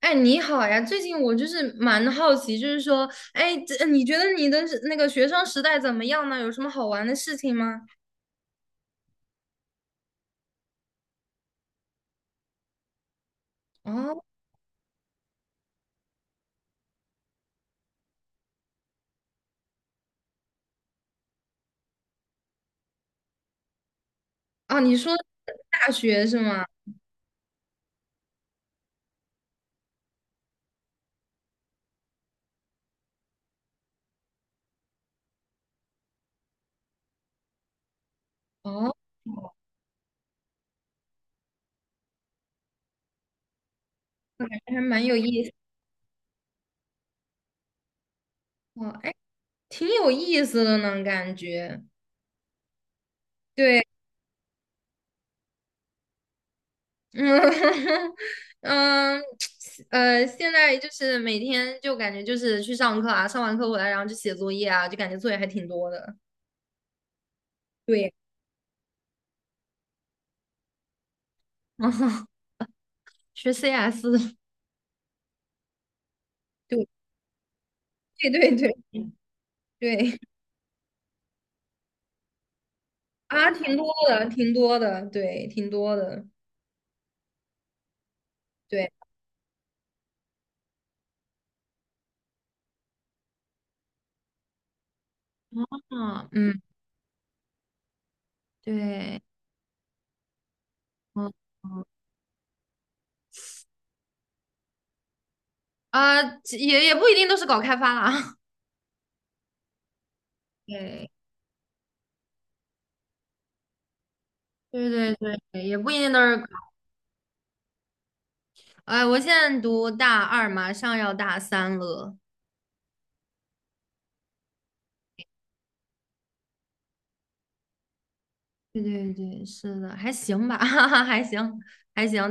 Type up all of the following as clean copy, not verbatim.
哎，你好呀！最近我就是蛮好奇，就是说，哎，这你觉得你的是那个学生时代怎么样呢？有什么好玩的事情吗？哦，啊，你说大学是吗？哦，那感觉还蛮有意思哦，哎，挺有意思的呢，感觉。对，嗯 嗯，现在就是每天就感觉就是去上课啊，上完课回来，然后就写作业啊，就感觉作业还挺多的。对，学 CS 的，对对。对啊，挺多的，挺多的，对，挺多的，对，啊，嗯，对，嗯，嗯啊，也不一定都是搞开发啦。对，对对对，对也不一定都是搞。哎，我现在读大二，马上要大三了。对对对，是的，还行吧，哈哈，还行，还行。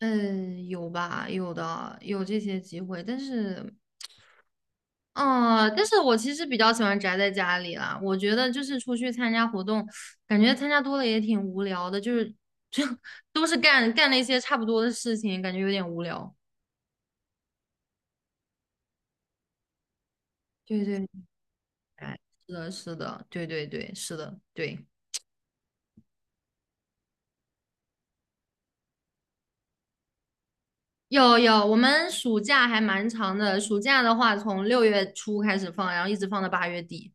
有吧，有的，有这些机会，但是。哦，但是我其实比较喜欢宅在家里啦。我觉得就是出去参加活动，感觉参加多了也挺无聊的，就是就 都是干干那些差不多的事情，感觉有点无聊。对对，哎，是的，是的，对对对，是的，对。有有，我们暑假还蛮长的，暑假的话从六月初开始放，然后一直放到八月底。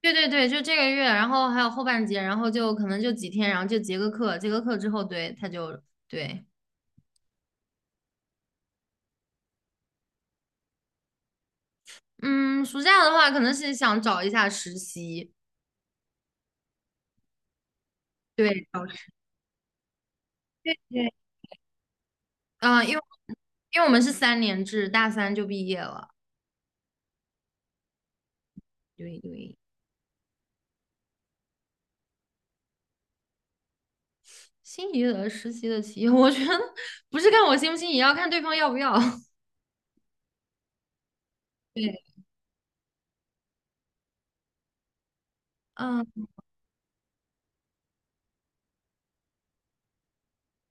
对对对，就这个月，然后还有后半节，然后就可能就几天，然后就结个课，结个课之后，对，他就对。嗯，暑假的话，可能是想找一下实习。对，对对，嗯、因为因为我们是三年制，大三就毕业了。对对，心仪的实习的企业，我觉得不是看我心不心仪，要看对方要不要。对，嗯，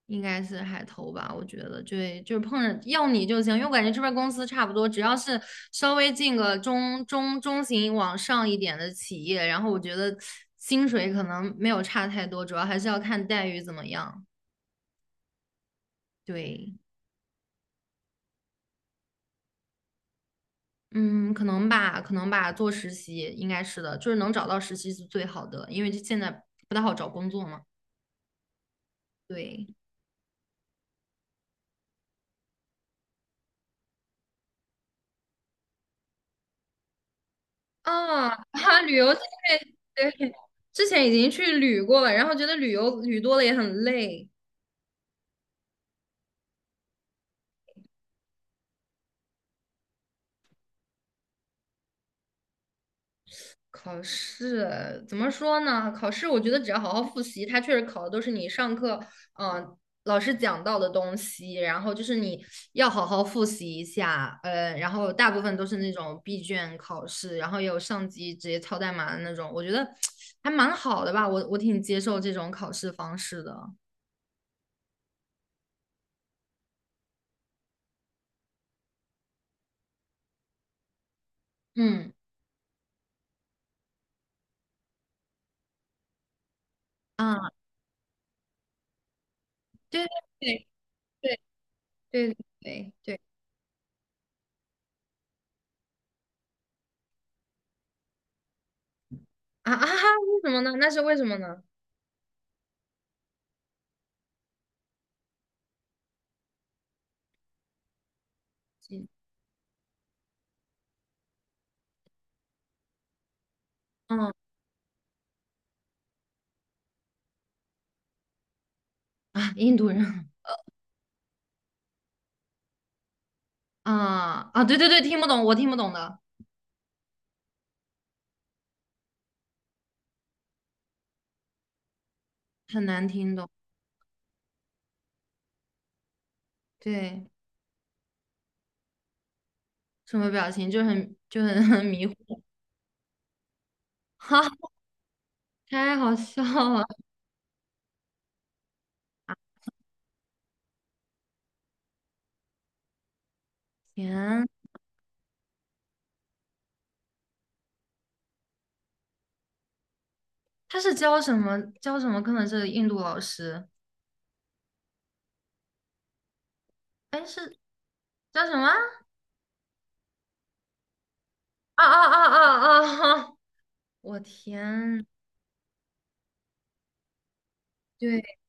应该是海投吧，我觉得，对，就是碰着要你就行，因为我感觉这边公司差不多，只要是稍微进个中型往上一点的企业，然后我觉得薪水可能没有差太多，主要还是要看待遇怎么样。对，嗯，可能吧，可能吧，做实习应该是的，就是能找到实习是最好的，因为就现在不太好找工作嘛。对，啊，哈，旅游这边对，之前已经去旅过了，然后觉得旅游旅多了也很累。考试怎么说呢？考试我觉得只要好好复习，它确实考的都是你上课，嗯、老师讲到的东西，然后就是你要好好复习一下，然后大部分都是那种闭卷考试，然后也有上机直接抄代码的那种，我觉得还蛮好的吧，我挺接受这种考试方式的，嗯啊，对对对对对对对啊啊哈，为什么呢？那是为什么呢？嗯啊，印度人。啊啊，对对对，听不懂，我听不懂的，很难听懂。对，什么表情就很 很迷糊，哈，太好笑了！天，他是教什么课呢？是印度老师？哎，是叫什么？啊啊啊啊啊！哈我天，对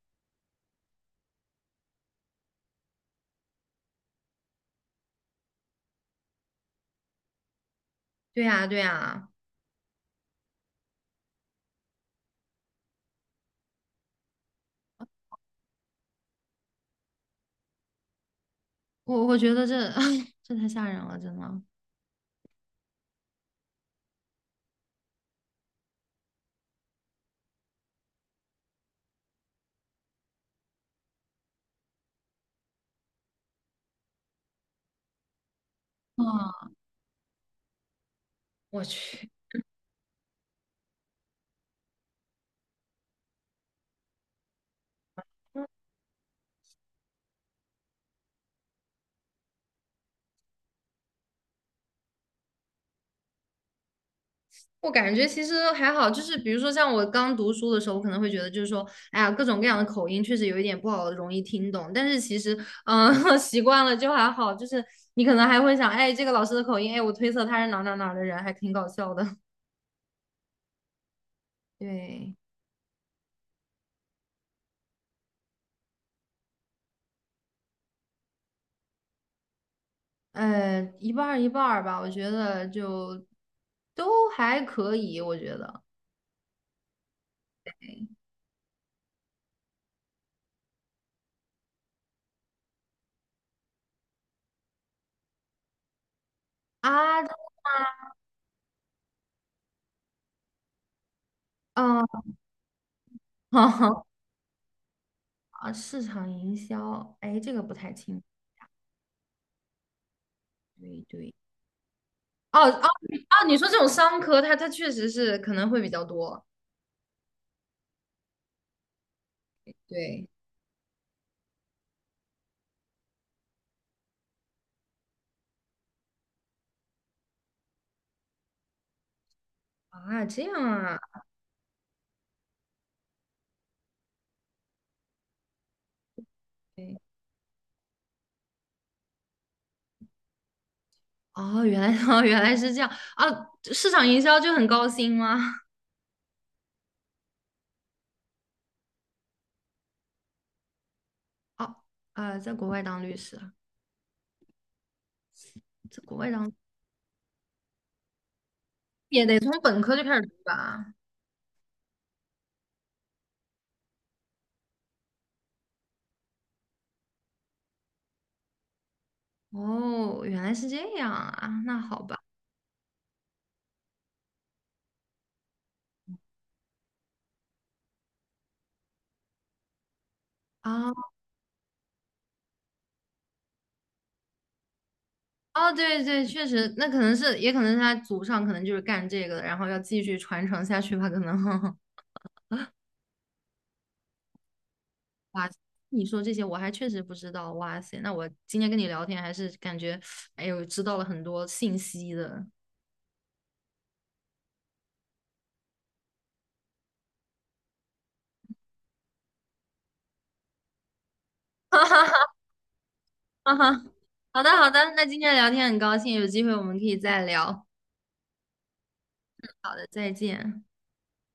对呀对呀，我觉得这 这太吓人了，真的。啊，我去。我感觉其实还好，就是比如说像我刚读书的时候，我可能会觉得就是说，哎呀，各种各样的口音确实有一点不好，容易听懂。但是其实，嗯，习惯了就还好。就是你可能还会想，哎，这个老师的口音，哎，我推测他是哪儿哪儿哪儿的人，还挺搞笑的。对，一半儿一半儿吧，我觉得就都还可以，我觉得啊，嗯，啊，市场营销，哎，这个不太清，对对。哦哦哦，你说这种商科，他确实是可能会比较多。对啊，这样啊，哦，原来 哦原来是这样啊，市场营销就很高薪吗？哦啊，在国外当律师啊，在国外当也得从本科就开始读吧？哦，原来是这样啊，那好吧。啊哦，对对，确实，那可能是，也可能是他祖上可能就是干这个的，然后要继续传承下去吧，可能。你说这些我还确实不知道，哇塞！那我今天跟你聊天还是感觉，哎呦，知道了很多信息的。哈哈哈哈哈！好的好的，那今天聊天很高兴，有机会我们可以再聊。好的再见。